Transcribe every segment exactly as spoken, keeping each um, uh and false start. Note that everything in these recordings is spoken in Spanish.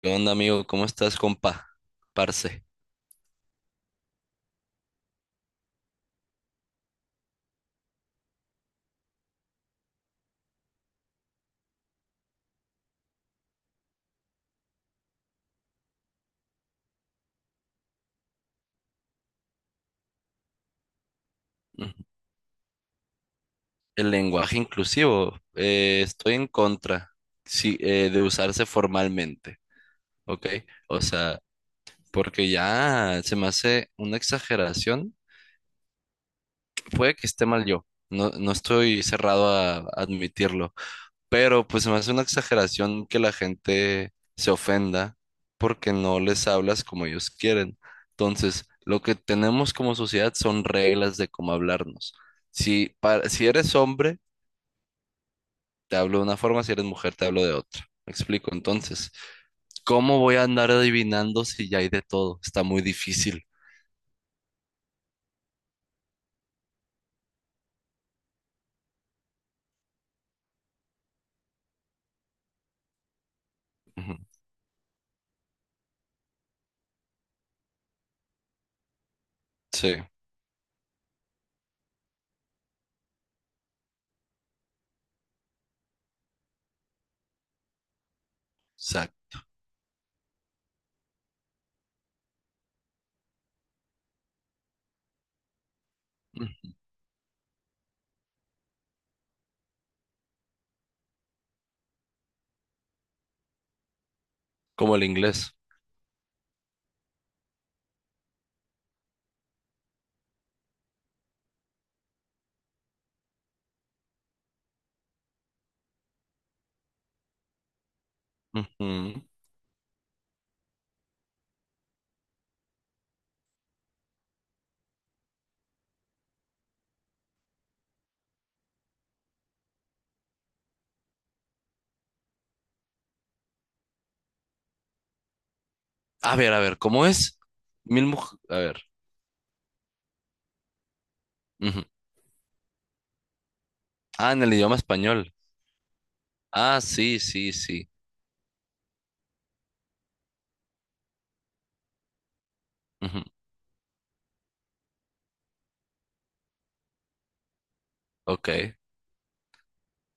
¿Qué onda, amigo? ¿Cómo estás, compa? Parce. Ujú. El lenguaje inclusivo, eh, estoy en contra, sí, eh, de usarse formalmente, ¿ok? O sea, porque ya se me hace una exageración. Puede que esté mal yo, no, no estoy cerrado a admitirlo. Pero pues se me hace una exageración que la gente se ofenda porque no les hablas como ellos quieren. Entonces, lo que tenemos como sociedad son reglas de cómo hablarnos. Si, para- si eres hombre, te hablo de una forma, si eres mujer, te hablo de otra. ¿Me explico? Entonces, ¿cómo voy a andar adivinando si ya hay de todo? Está muy difícil. Ujú. Sí, exacto. Mm. Como el inglés. Ujú. A ver, a ver, ¿cómo es? Mil muj- A ver. Ujú. Ah, en el idioma español. Ah, sí, sí, sí. Ujú. Ok.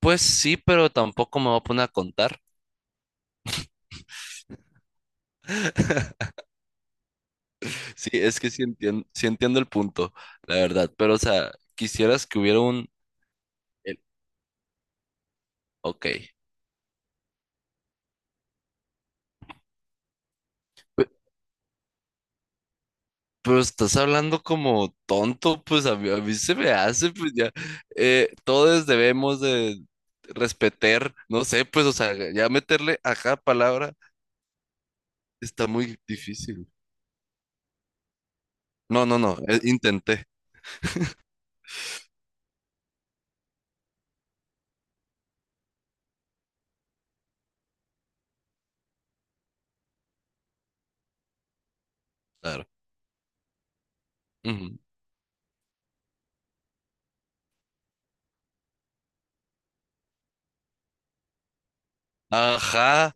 Pues sí, pero tampoco me voy a poner a contar. Sí, es que sí entiendo, sí entiendo el punto, la verdad. Pero, o sea, quisieras que hubiera un... el- Ok. Pe- Pero estás hablando como tonto, pues a mí, a mí se me hace, pues ya. Eh, todos debemos de respetar, no sé, pues, o sea, ya meterle a cada palabra está muy difícil. No, no, no, eh, Intenté, claro. Ujú. Ajá.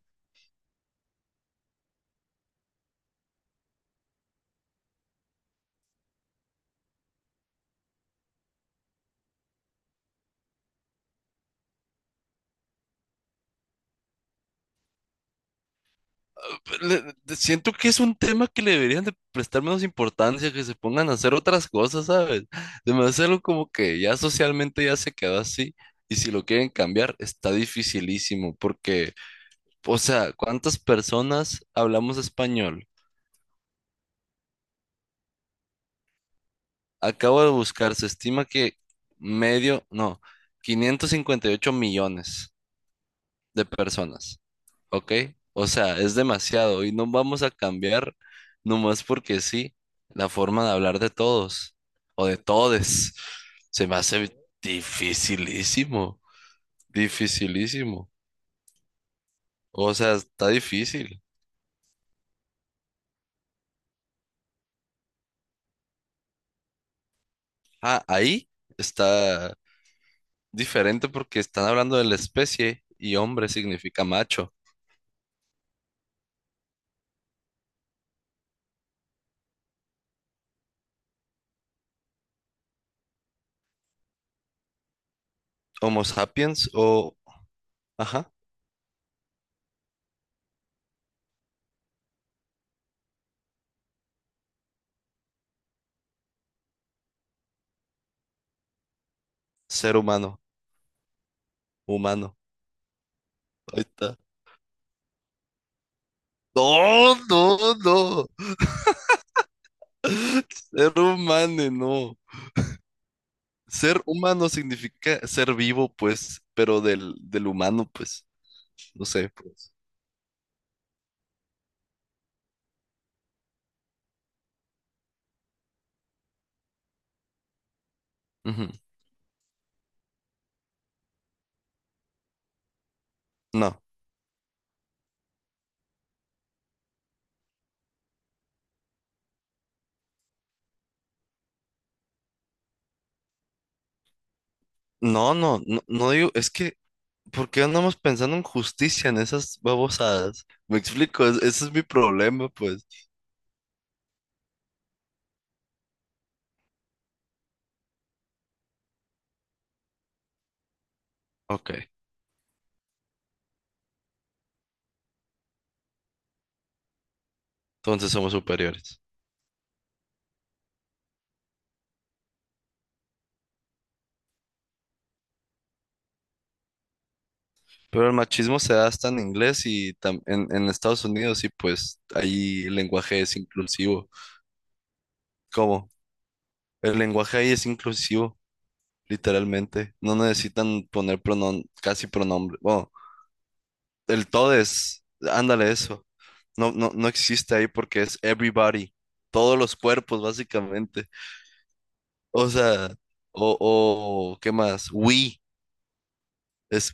le- le- Siento que es un tema que le deberían de prestar menos importancia, que se pongan a hacer otras cosas, ¿sabes? De hacerlo como que ya socialmente ya se quedó así. Y si lo quieren cambiar, está dificilísimo, porque, o sea, ¿cuántas personas hablamos español? Acabo de buscar, se estima que medio, no, quinientos cincuenta y ocho millones de personas. ¿Ok? O sea, es demasiado y no vamos a cambiar nomás porque sí la forma de hablar de todos o de todes. Se me hace dificilísimo, dificilísimo. O sea, está difícil. Ah, ahí está diferente porque están hablando de la especie y hombre significa macho. Homo sapiens o, ajá, ser humano, humano. Ahí está. No, no, no. Ser humano, no. Ser humano significa ser vivo, pues, pero del, del humano, pues, no sé, pues. Ujú. No, no, no, no, no digo, es que, ¿por qué andamos pensando en justicia en esas babosadas? Me explico, es- ese es mi problema, pues. Ok, entonces somos superiores. Pero el machismo se da hasta en inglés y tam- en, en Estados Unidos, y pues ahí el lenguaje es inclusivo. ¿Cómo? El lenguaje ahí es inclusivo, literalmente. No necesitan poner pronom casi pronombre. Bueno, el todes, ándale eso. No, no, no existe ahí porque es everybody, todos los cuerpos básicamente. O sea, o, o ¿qué más? We, es,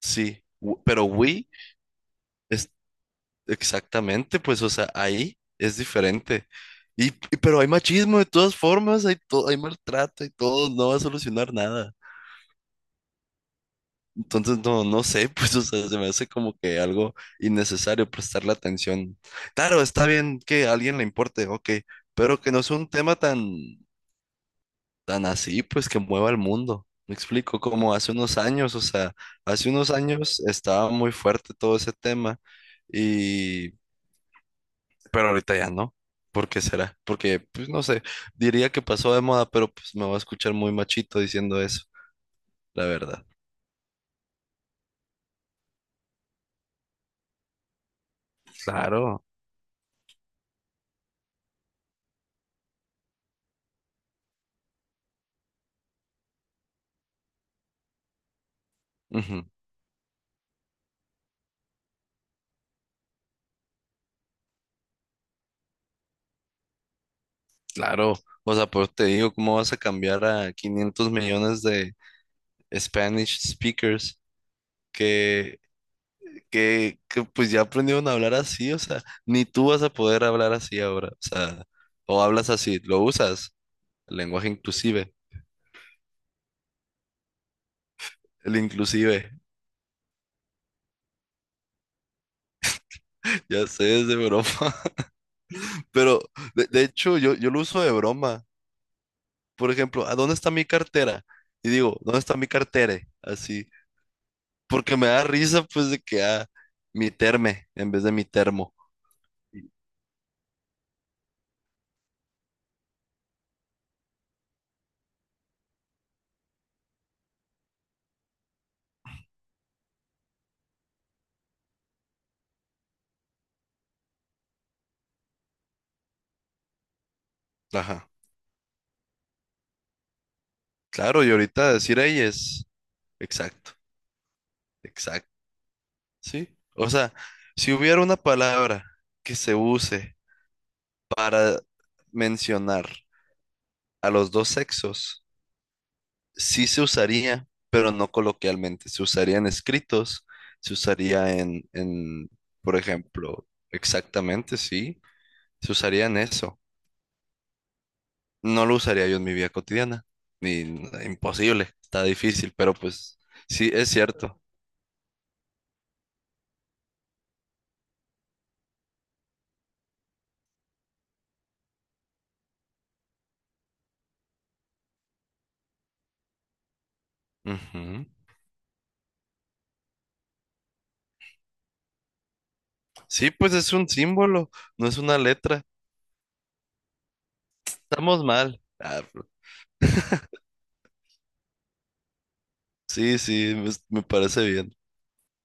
sí, w- pero we es exactamente, pues, o sea, ahí es diferente. Y, y- pero hay machismo de todas formas, hay, to- hay maltrato y todo, no va a solucionar nada. Entonces, no, no sé, pues, o sea, se me hace como que algo innecesario prestarle atención. Claro, está bien que a alguien le importe, ok, pero que no sea un tema tan, tan así, pues, que mueva el mundo. Me explico, como hace unos años, o sea, hace unos años estaba muy fuerte todo ese tema y, pero ahorita ya no. ¿Por qué será? Porque, pues, no sé, diría que pasó de moda, pero pues me va a escuchar muy machito diciendo eso, la verdad. Claro. Claro, o sea, por te digo, ¿cómo vas a cambiar a quinientos millones de Spanish speakers que, que, que pues ya aprendieron a hablar así? O sea, ni tú vas a poder hablar así ahora. O sea, o hablas así, lo usas, el lenguaje inclusive, el inclusive, ya sé, es de broma. Pero de, de hecho, yo, yo lo uso de broma. Por ejemplo, ¿a dónde está mi cartera? Y digo, ¿dónde está mi cartere? Así, porque me da risa pues de que, ah, mi terme en vez de mi termo. Ajá. Claro, y ahorita decir ahí es exacto, exacto, ¿sí? O sea, si hubiera una palabra que se use para mencionar a los dos sexos, sí se usaría, pero no coloquialmente. Se usaría en escritos, se usaría en, en, por ejemplo, exactamente, sí, se usaría en eso. No lo usaría yo en mi vida cotidiana, ni imposible, está difícil, pero pues sí, es cierto. Ujú. Sí, pues es un símbolo, no es una letra. Estamos mal. Ah, sí, sí, me me parece bien.